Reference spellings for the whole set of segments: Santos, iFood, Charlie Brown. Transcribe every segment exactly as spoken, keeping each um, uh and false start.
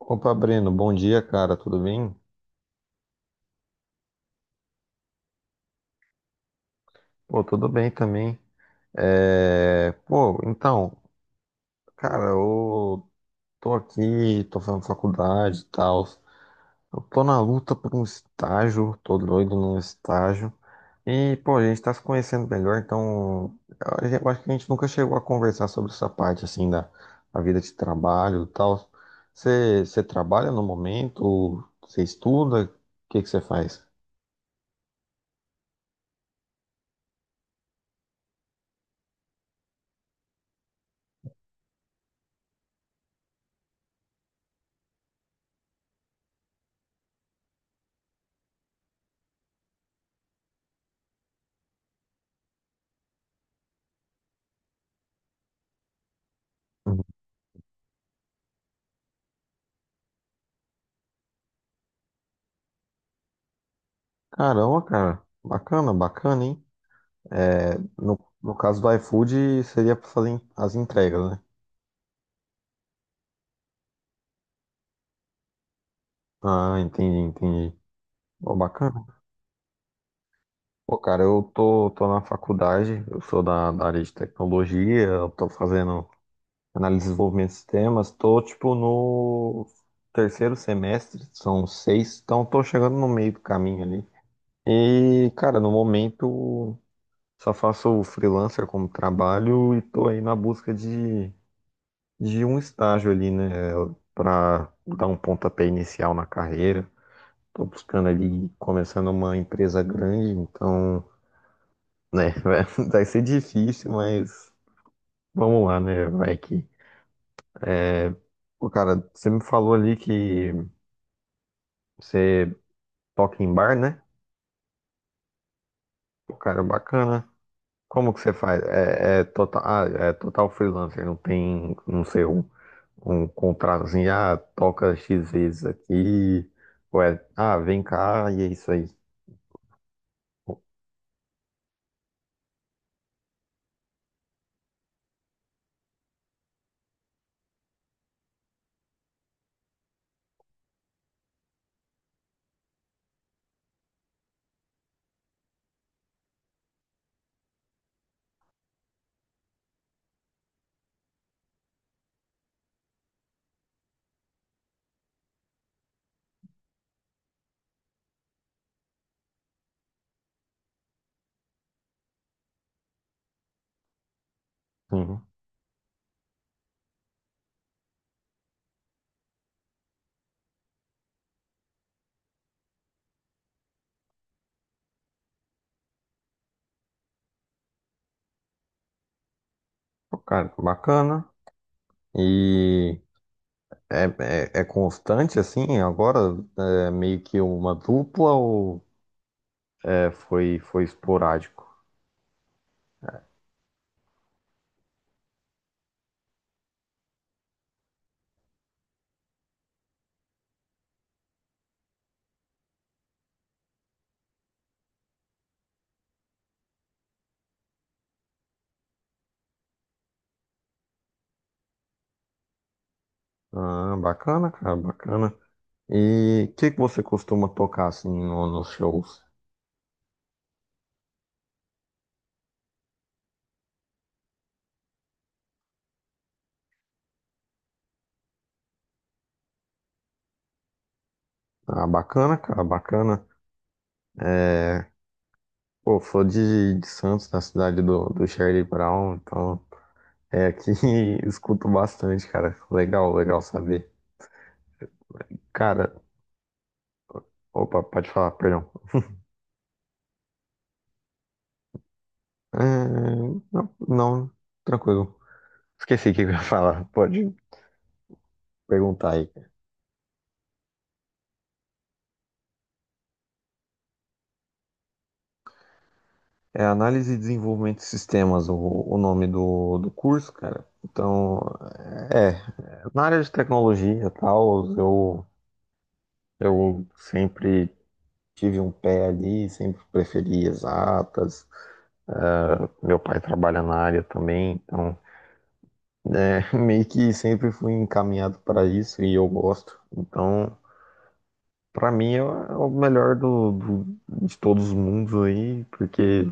Opa, Breno, bom dia, cara, tudo bem? Pô, tudo bem também. É, Pô, então, cara, eu tô aqui, tô fazendo faculdade e tal. Eu tô na luta por um estágio, tô doido num estágio. E, pô, a gente tá se conhecendo melhor, então a gen- eu acho que a gente nunca chegou a conversar sobre essa parte, assim, da, da vida de trabalho e tal. Você você trabalha no momento? Você estuda? O que que você faz? Caramba, cara. Bacana, bacana, hein? É, no, no caso do iFood, seria pra fazer en- as entregas, né? Ah, entendi, entendi. Pô, bacana. Pô, cara, eu tô, tô na faculdade, eu sou da, da área de tecnologia, eu tô fazendo análise de desenvolvimento de sistemas, tô, tipo, no terceiro semestre, são seis, então tô chegando no meio do caminho ali. E, cara, no momento, só faço freelancer como trabalho e tô aí na busca de de um estágio ali, né, para dar um pontapé inicial na carreira. Tô buscando ali começando uma empresa grande, então, né, vai, vai ser difícil, mas vamos lá, né, vai que. é, Pô, cara, você me falou ali que você toca em bar, né? Pô, cara, bacana. Como que você faz? É, é total, ah, é total freelancer, não tem, não sei, um, um contrato assim, ah, toca X vezes aqui, ou é, ah, vem cá e é isso aí. Sim. Pô, cara, que bacana. E é, é, é constante assim? Agora é meio que uma dupla ou é, foi, foi esporádico? Ah, bacana, cara, bacana. E o que que você costuma tocar assim no- nos shows? Ah, bacana, cara, bacana. É, pô, sou de, de Santos, da cidade do, do Charlie Brown, então é aqui escuto bastante, cara. Legal, legal saber. Cara, opa, pode falar, perdão. É, não, não, tranquilo. Esqueci o que eu ia falar. Pode perguntar aí. É análise e desenvolvimento de sistemas, o, o nome do, do curso, cara. Então, é, na área de tecnologia e tal, eu, eu sempre tive um pé ali, sempre preferi exatas. Ah, meu pai trabalha na área também, então, é, meio que sempre fui encaminhado para isso e eu gosto. Então, pra mim é o melhor do, do- de todos os mundos aí, porque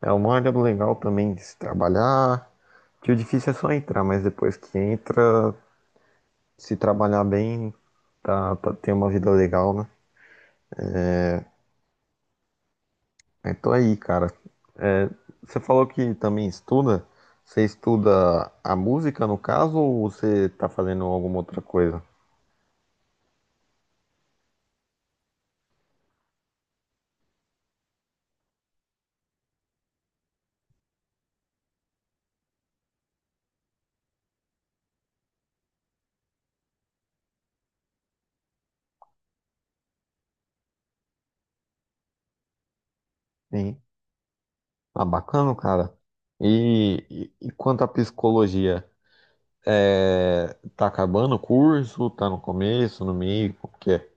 é uma área legal também de se trabalhar, que o difícil é só entrar, mas depois que entra, se trabalhar bem, tá, tá, tem uma vida legal, né? Então aí, cara, é, você falou que também estuda, você estuda a música no caso, ou você tá fazendo alguma outra coisa? Sim. Ah, bacana, cara. E, e, e quanto à psicologia? É, tá acabando o curso? Tá no começo, no meio? Como que é?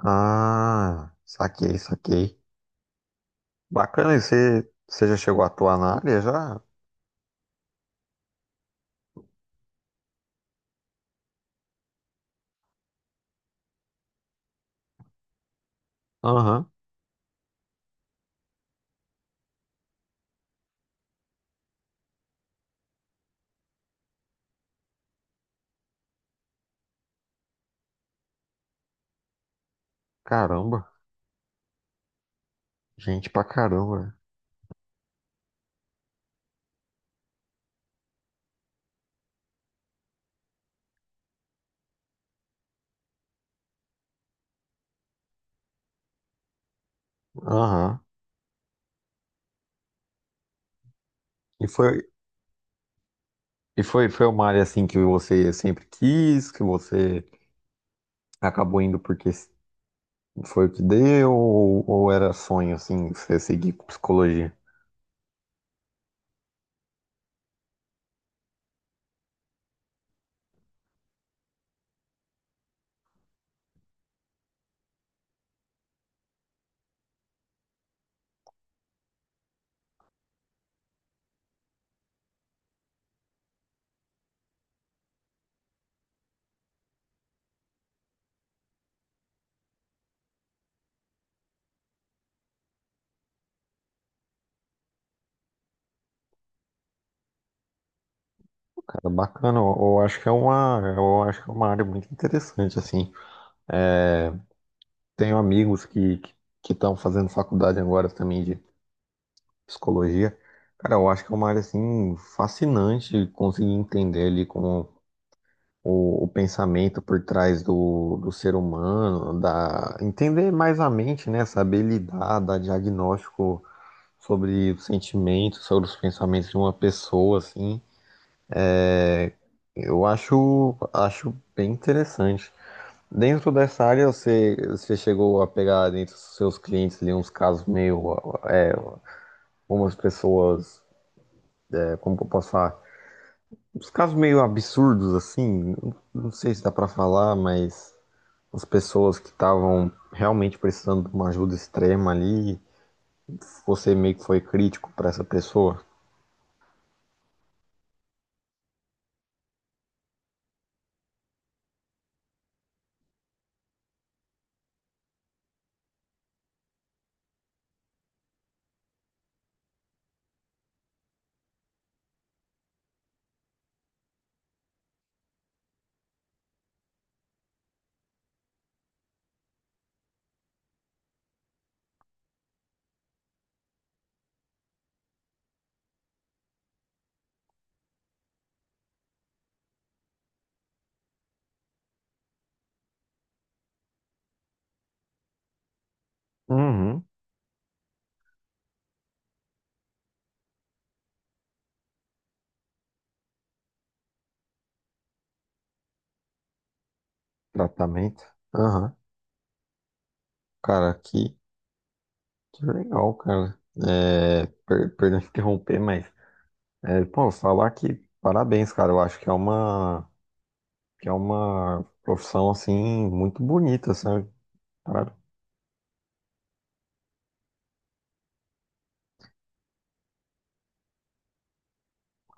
Ah, saquei, saquei. Bacana, e você, você já chegou a atuar na área já? Aham. Caramba, gente pra caramba. Aham. E foi, e foi, foi uma área assim que você sempre quis, que você acabou indo porque foi o que deu, ou, ou era sonho assim, você seguir com psicologia? Cara, bacana, eu, eu acho que é uma, eu acho que é uma área muito interessante, assim. Tenho amigos que que estão fazendo faculdade agora também de psicologia. Cara, eu acho que é uma área assim fascinante conseguir entender ali como o, o pensamento por trás do, do ser humano, da entender mais a mente, né? Saber lidar, dar diagnóstico sobre os sentimentos, sobre os pensamentos de uma pessoa, assim. Eu acho acho bem interessante. Dentro dessa área, você, você chegou a pegar dentro dos seus clientes ali uns casos meio, é, umas pessoas, é, como que eu posso falar, uns casos meio absurdos assim, não, não sei se dá pra falar, mas as pessoas que estavam realmente precisando de uma ajuda extrema ali, você meio que foi crítico pra essa pessoa. Uhum. Tratamento. Aham. Cara, que, que legal, cara. É, per- perdão interromper, mas é, pô, falar que parabéns, cara. Eu acho que é uma que é uma profissão assim muito bonita, sabe? Para-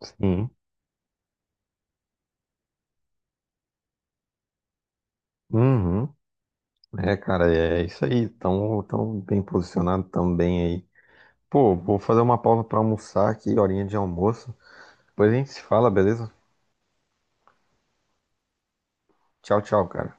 Sim. Uhum. É, cara, é isso aí. Tão, tão bem posicionado também aí. Pô, vou fazer uma pausa pra almoçar aqui, horinha de almoço. Depois a gente se fala, beleza? Tchau, tchau, cara.